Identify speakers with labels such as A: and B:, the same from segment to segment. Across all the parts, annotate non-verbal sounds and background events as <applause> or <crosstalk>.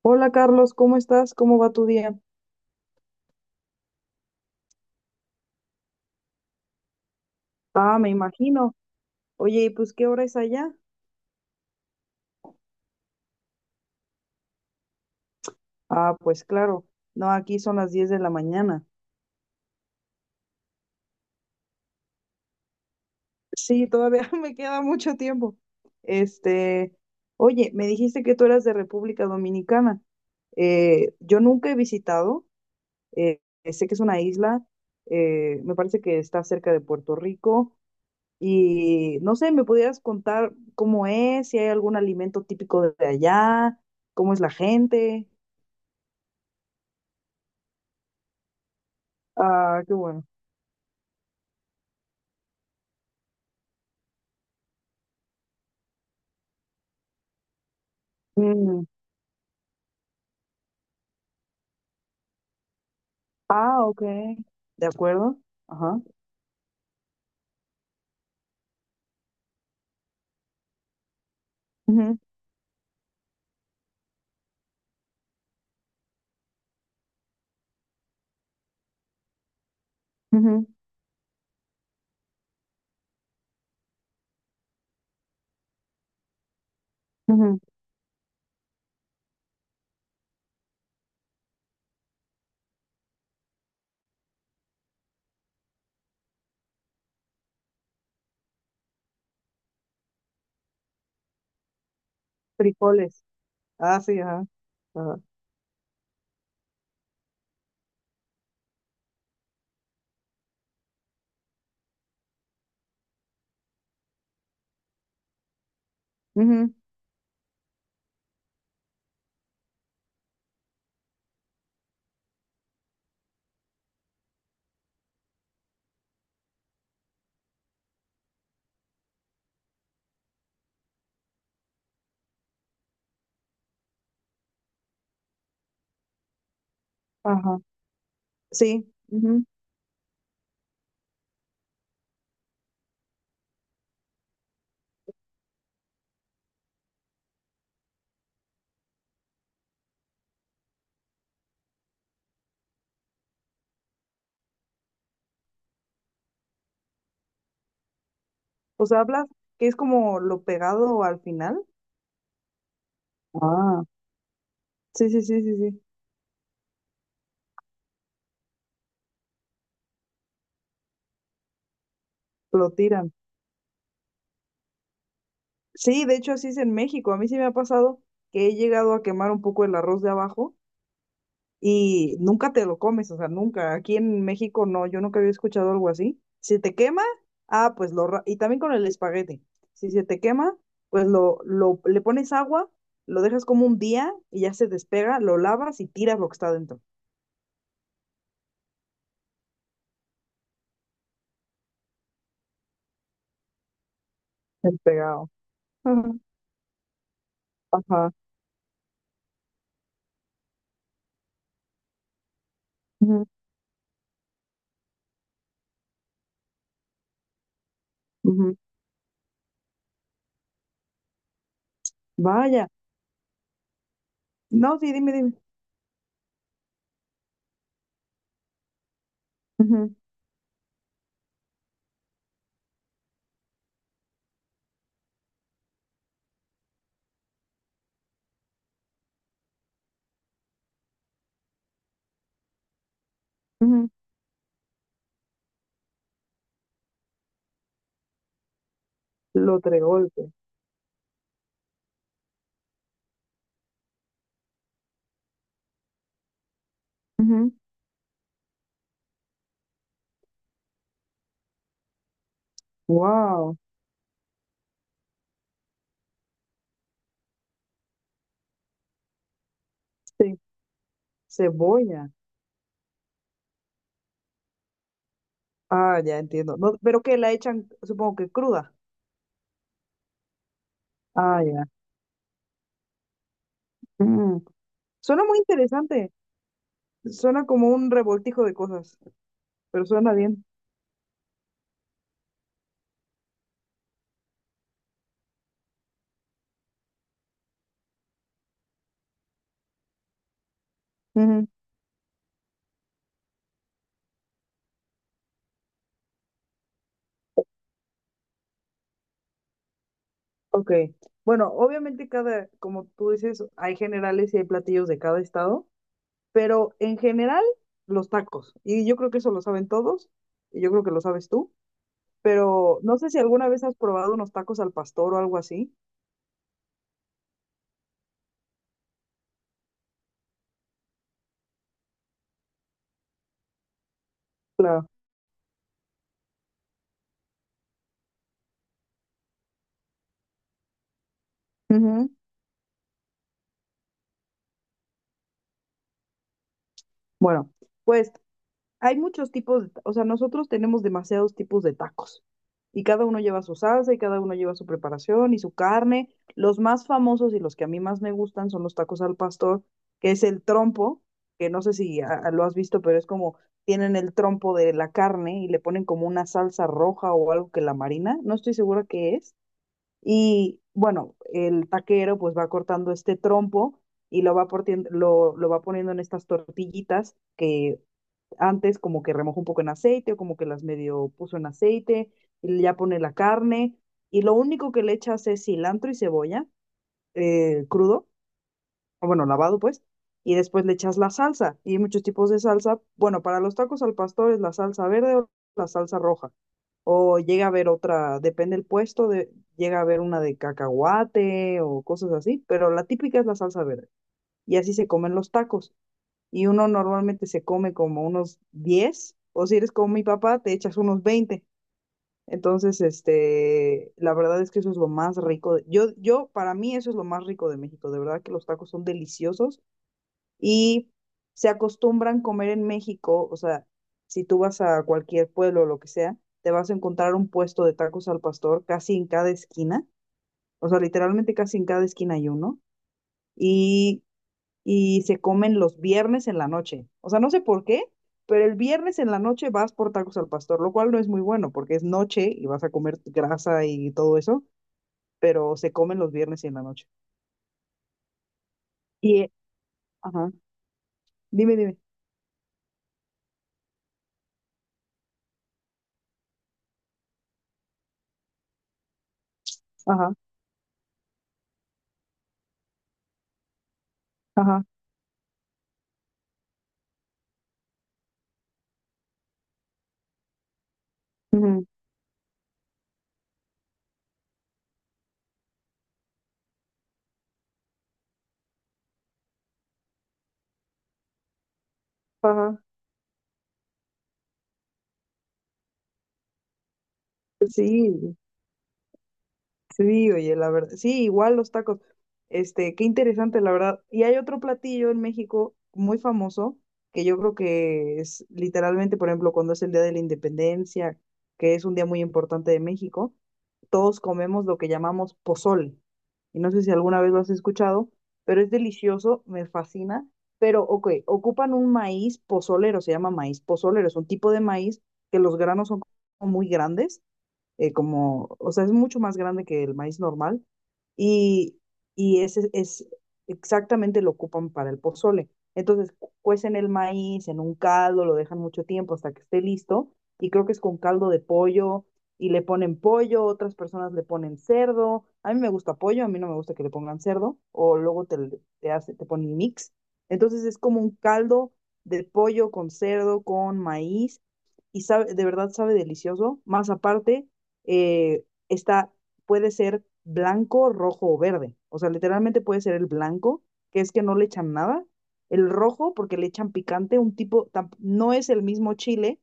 A: Hola Carlos, ¿cómo estás? ¿Cómo va tu día? Ah, me imagino. Oye, ¿y pues qué hora es allá? Ah, pues claro. No, aquí son las 10 de la mañana. Sí, todavía <laughs> me queda mucho tiempo. Este, oye, me dijiste que tú eras de República Dominicana. Yo nunca he visitado, eh, sé que es una isla, me parece que está cerca de Puerto Rico y no sé, ¿me pudieras contar cómo es, si hay algún alimento típico de allá, cómo es la gente? Ah, qué bueno. Mm. Ah, ok. De acuerdo. Ajá. Ujú, ujú, ujú. Frijoles. Ah, sí, ajá. Ajá. Ujú, ajá. Sí. Ujú. O sea, hablas que es como lo pegado al final. Ah, sí, sí, sí, sí, sí. Lo tiran. Sí, de hecho así es en México. A mí sí me ha pasado que he llegado a quemar un poco el arroz de abajo y nunca te lo comes, o sea, nunca. Aquí en México no, yo nunca había escuchado algo así. Si te quema, ah, pues y también con el espagueti. Si se te quema, pues le pones agua, lo dejas como un día y ya se despega, lo lavas y tiras lo que está dentro. Despegado. Ujú, ajá. Ujú, ujú. Vaya. No, sí, dime, dime. Ujú, ujú. Lo tregolpe. Wow. Sí. Cebolla. Ah, ya entiendo. No, pero que la echan, supongo que cruda. Ah, ya. Mm. Suena muy interesante. Suena como un revoltijo de cosas, pero suena bien. Ujú. Ok. Bueno, obviamente cada, como tú dices, hay generales y hay platillos de cada estado, pero en general los tacos. Y yo creo que eso lo saben todos, y yo creo que lo sabes tú, pero no sé si alguna vez has probado unos tacos al pastor o algo así. Claro. Ujú. Bueno. Hay muchos tipos, o sea, nosotros tenemos demasiados tipos de tacos y cada uno lleva su salsa y cada uno lleva su preparación y su carne. Los más famosos y los que a mí más me gustan son los tacos al pastor, que es el trompo, que no sé si lo has visto, pero es como tienen el trompo de la carne y le ponen como una salsa roja o algo que la marina, no estoy segura qué es. Y bueno, el taquero pues va cortando este trompo y lo va poniendo en estas tortillitas que antes como que remojó un poco en aceite o como que las medio puso en aceite y ya pone la carne y lo único que le echas es cilantro y cebolla, crudo, o bueno, lavado pues, y después le echas la salsa y hay muchos tipos de salsa. Bueno, para los tacos al pastor es la salsa verde o la salsa roja o llega a haber otra, depende del puesto, llega a haber una de cacahuate o cosas así, pero la típica es la salsa verde, y así se comen los tacos, y uno normalmente se come como unos 10, o si eres como mi papá, te echas unos 20. Entonces, la verdad es que eso es lo más rico. Para mí eso es lo más rico de México. De verdad que los tacos son deliciosos y se acostumbran comer en México. O sea, si tú vas a cualquier pueblo o lo que sea, te vas a encontrar un puesto de tacos al pastor casi en cada esquina. O sea, literalmente casi en cada esquina hay uno. Y y se comen los viernes en la noche. O sea, no sé por qué, pero el viernes en la noche vas por tacos al pastor, lo cual no es muy bueno porque es noche y vas a comer grasa y todo eso, pero se comen los viernes y en la noche. Y, ajá, dime, dime, ajá, ajá, ujú, ajá, sí. Sí, oye, la verdad, sí, igual los tacos. Qué interesante, la verdad. Y hay otro platillo en México muy famoso que yo creo que es literalmente, por ejemplo, cuando es el Día de la Independencia, que es un día muy importante de México, todos comemos lo que llamamos pozol. Y no sé si alguna vez lo has escuchado, pero es delicioso, me fascina. Pero, ok, ocupan un maíz pozolero, se llama maíz pozolero, es un tipo de maíz que los granos son como muy grandes, como, o sea, es mucho más grande que el maíz normal, y, y, ese es exactamente lo ocupan para el pozole. Entonces, cuecen el maíz en un caldo, lo dejan mucho tiempo hasta que esté listo y creo que es con caldo de pollo y le ponen pollo, otras personas le ponen cerdo. A mí me gusta pollo, a mí no me gusta que le pongan cerdo o luego te hace, te ponen mix. Entonces, es como un caldo de pollo con cerdo, con maíz y sabe, de verdad sabe delicioso. Más aparte, eh, está, puede ser blanco, rojo o verde. O sea, literalmente puede ser el blanco, que es que no le echan nada. El rojo, porque le echan picante, un tipo, no es el mismo chile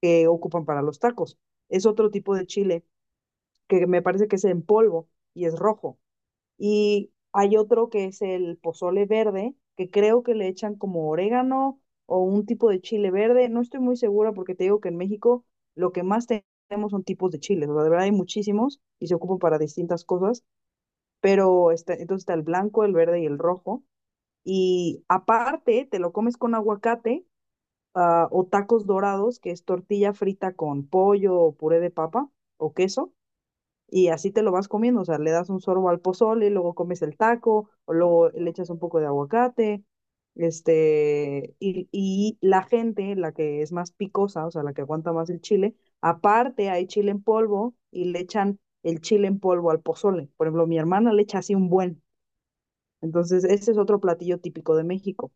A: que ocupan para los tacos. Es otro tipo de chile que me parece que es en polvo y es rojo. Y hay otro que es el pozole verde, que creo que le echan como orégano o un tipo de chile verde. No estoy muy segura porque te digo que en México lo que más tenemos son tipos de chiles. O sea, de verdad hay muchísimos y se ocupan para distintas cosas. Pero entonces está el blanco, el verde y el rojo. Y aparte te lo comes con aguacate, o tacos dorados, que es tortilla frita con pollo o puré de papa o queso. Y así te lo vas comiendo, o sea, le das un sorbo al pozole, luego comes el taco, o luego le echas un poco de aguacate, y la gente, la que es más picosa, o sea, la que aguanta más el chile, aparte hay chile en polvo y le echan el chile en polvo al pozole. Por ejemplo, mi hermana le echa así un buen. Entonces, ese es otro platillo típico de México.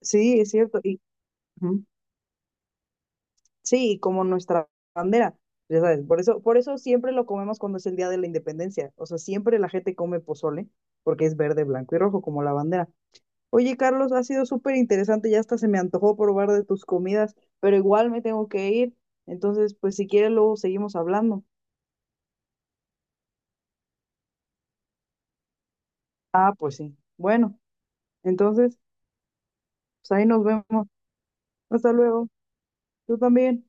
A: Sí, es cierto. Ujú. Sí, como nuestra bandera, ya sabes, por eso siempre lo comemos cuando es el Día de la Independencia, o sea, siempre la gente come pozole, porque es verde, blanco y rojo, como la bandera. Oye, Carlos, ha sido súper interesante, ya hasta se me antojó probar de tus comidas, pero igual me tengo que ir, entonces, pues si quieres luego seguimos hablando. Ah, pues sí, bueno, entonces, pues ahí nos vemos, hasta luego, tú también.